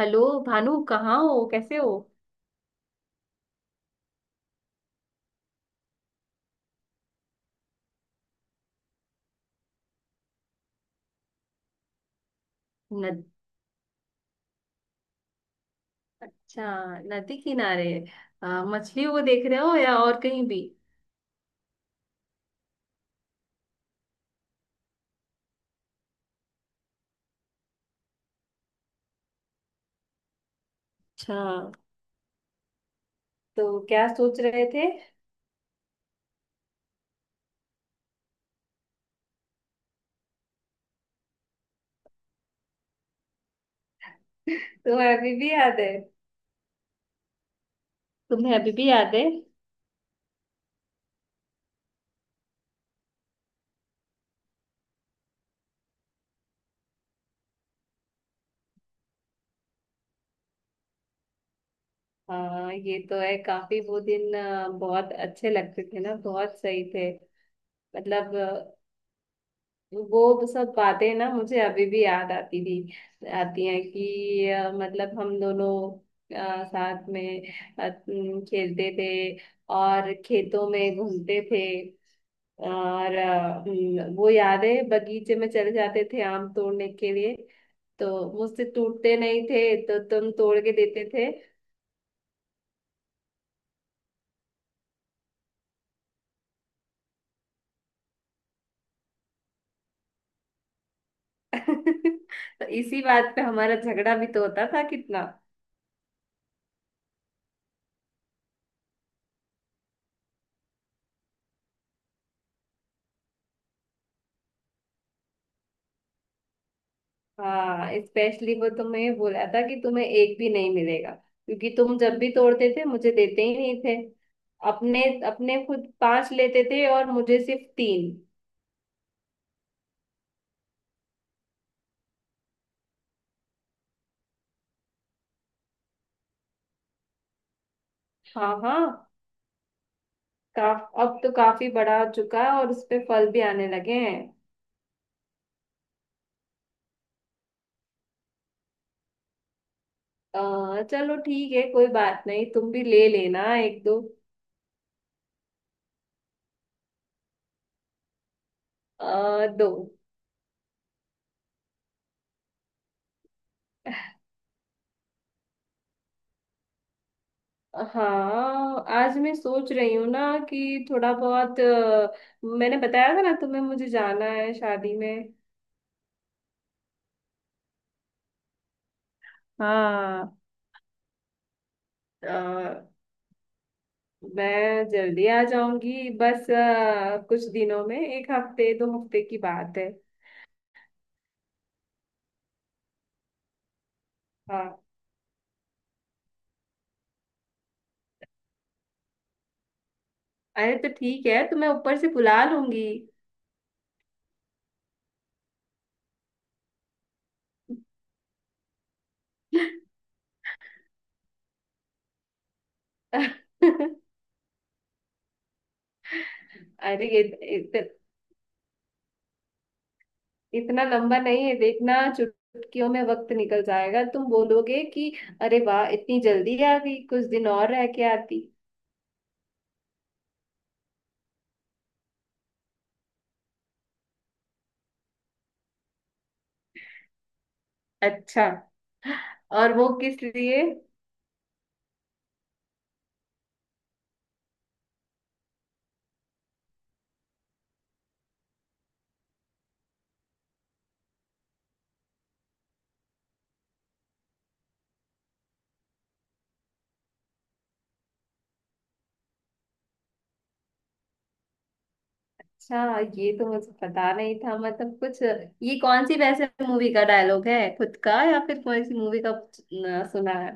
Hello. Bhanu, कहाँ हो? कैसे हो? नद अच्छा। नदी किनारे। मछलियों को देख रहे हो या और कहीं भी? अच्छा, तो क्या सोच रहे थे? तुम्हें अभी भी याद है? तुम्हें अभी भी याद है? हाँ, ये तो है। काफी वो दिन बहुत अच्छे लगते थे ना, बहुत सही थे, मतलब। वो तो सब बातें ना मुझे अभी भी याद आती थी, आती हैं, कि मतलब हम दोनों, साथ में, अ, न, खेलते थे, और खेतों में घूमते थे, और अ, न, वो यादें, बगीचे में चले जाते थे आम तोड़ने के लिए। तो मुझसे टूटते नहीं थे तो तुम तोड़ के देते थे। तो इसी बात पे हमारा झगड़ा भी तो होता था कितना। हाँ, स्पेशली वो तुम्हें बोला था कि तुम्हें एक भी नहीं मिलेगा, क्योंकि तुम जब भी तोड़ते थे मुझे देते ही नहीं थे। अपने अपने खुद पांच लेते थे और मुझे सिर्फ तीन। हाँ हाँ। काफ अब तो काफी बड़ा हो चुका है और उस पे फल भी आने लगे हैं। चलो, ठीक है, कोई बात नहीं, तुम भी ले लेना एक दो। दो। हाँ, आज मैं सोच रही हूँ ना कि थोड़ा बहुत, मैंने बताया था ना तुम्हें, मुझे जाना है शादी में। हाँ। अ, मैं जल्दी आ जाऊंगी बस, कुछ दिनों में, एक हफ्ते दो हफ्ते की बात है। हाँ। अरे, तो ठीक है, तो मैं ऊपर से बुला लूंगी। अरे, इत, इत, इतना लंबा नहीं है, देखना चुटकियों में वक्त निकल जाएगा, तुम बोलोगे कि अरे वाह, इतनी जल्दी आ गई, कुछ दिन और रह के आती। अच्छा। और वो किस लिए? अच्छा, ये तो मुझे पता नहीं था, मतलब कुछ। ये कौन सी वैसे मूवी का डायलॉग है, खुद का या फिर कौन सी मूवी का, न, सुना है?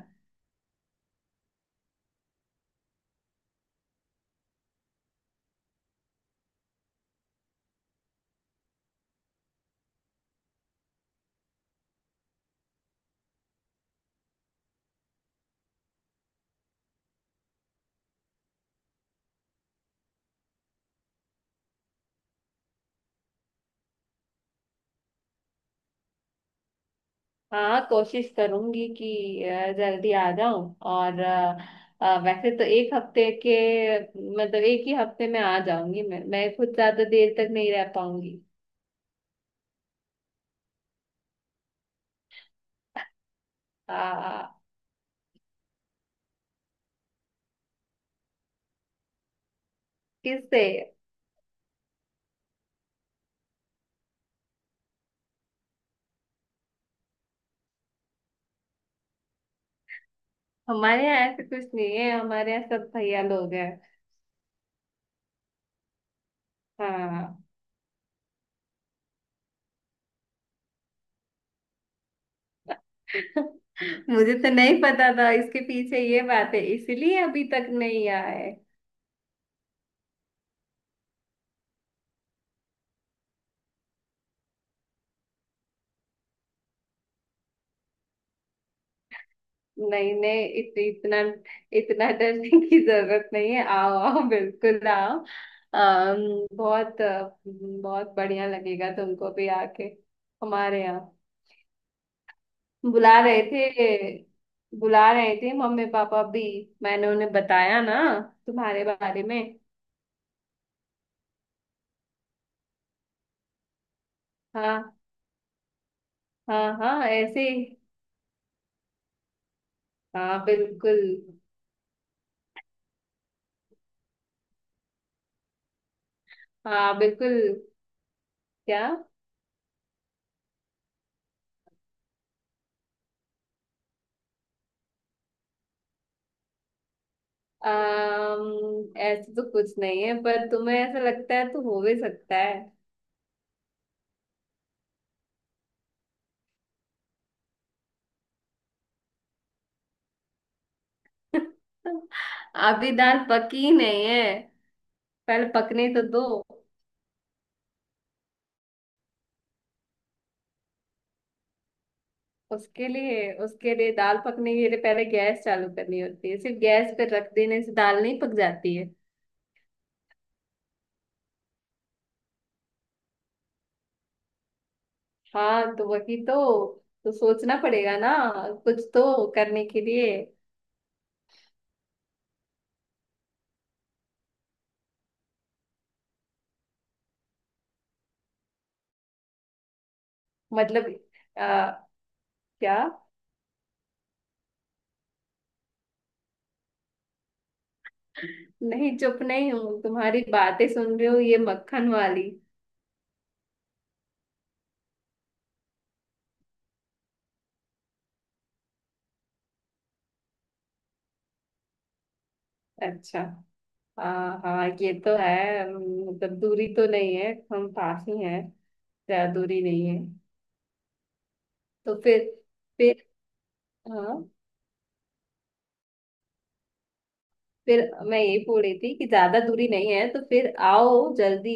हाँ, कोशिश करूंगी कि जल्दी आ जाऊं, और वैसे तो एक हफ्ते के, मतलब एक ही हफ्ते में आ जाऊंगी, मैं खुद ज्यादा देर तक नहीं रह पाऊंगी। आ, किससे? हमारे यहाँ ऐसे कुछ नहीं है, हमारे यहाँ सब भैया लोग हैं। हाँ। मुझे तो नहीं पता था इसके पीछे ये बात है, इसलिए अभी तक नहीं आए। नहीं नहीं, इत, इतना इतना डरने की जरूरत नहीं है, आओ आओ बिल्कुल आओ। बहुत बढ़िया लगेगा तुमको भी आके हमारे यहाँ। बुला रहे थे, बुला रहे थे मम्मी पापा भी। मैंने उन्हें बताया ना तुम्हारे बारे में। हाँ। हाँ। हाँ, ऐसे ही। हाँ, बिल्कुल। हाँ, बिल्कुल। क्या? ऐसे तो कुछ नहीं है, पर तुम्हें ऐसा लगता है तो हो भी सकता है। अभी दाल पकी नहीं है, पहले पकने तो दो। उसके लिए दाल पकने के लिए पहले गैस चालू करनी होती है, सिर्फ गैस पे रख देने से दाल नहीं पक जाती है। हाँ, तो वही तो सोचना पड़ेगा ना, कुछ तो करने के लिए। मतलब। आ, क्या? नहीं, चुप नहीं हूँ, तुम्हारी बातें सुन रही हूँ, ये मक्खन वाली। अच्छा। हाँ हाँ, ये तो है। मतलब दूरी तो नहीं है, हम पास ही हैं। ज्यादा दूरी नहीं है। तो फिर। हाँ, फिर। मैं ये बोल रही थी कि ज्यादा दूरी नहीं है, तो फिर आओ जल्दी,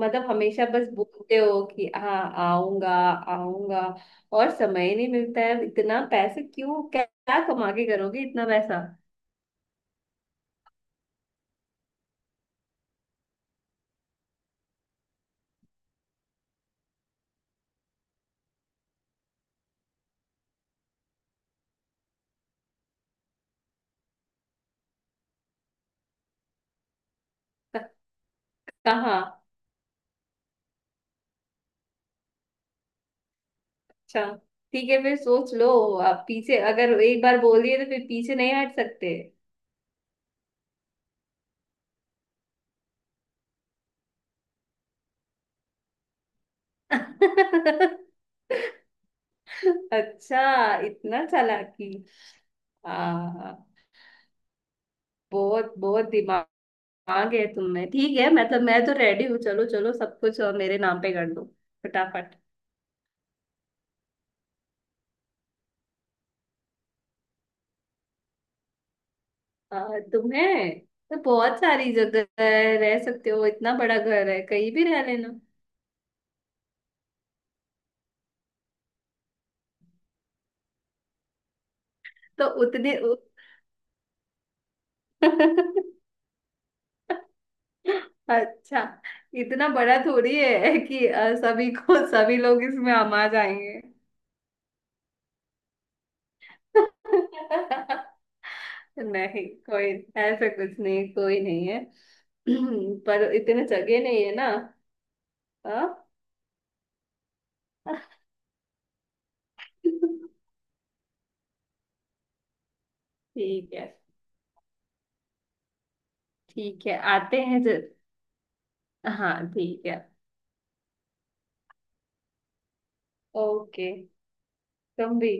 मतलब हमेशा बस बोलते हो कि हाँ, आऊंगा आऊंगा, और समय नहीं मिलता है, इतना पैसे क्यों, क्या क्या कमा के करोगे इतना पैसा? क- कहाँ? अच्छा, ठीक है, फिर सोच लो, आप पीछे अगर एक बार बोल दिए तो फिर पीछे नहीं हट सकते। अच्छा, इतना चालाकी। हाँ, बहुत बहुत दिमाग आ गए तुमने। ठीक है, मतलब मैं तो रेडी हूँ, चलो चलो, सब कुछ मेरे नाम पे कर दो फटाफट। तुम्हें, तो बहुत सारी जगह है, रह सकते हो, इतना बड़ा घर है, कहीं भी रह लेना। तो उतने अच्छा, इतना बड़ा थोड़ी है कि सभी को, सभी लोग इसमें आमा जाएंगे। नहीं, कोई ऐसा कुछ नहीं, कोई नहीं है। पर इतने जगह नहीं है ना। हाँ। ठीक है, ठीक है, आते हैं जब। हाँ, ठीक है। ओके। तुम भी।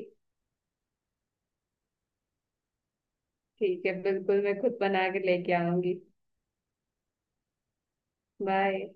ठीक है, बिल्कुल, मैं खुद बना के लेके आऊंगी। बाय।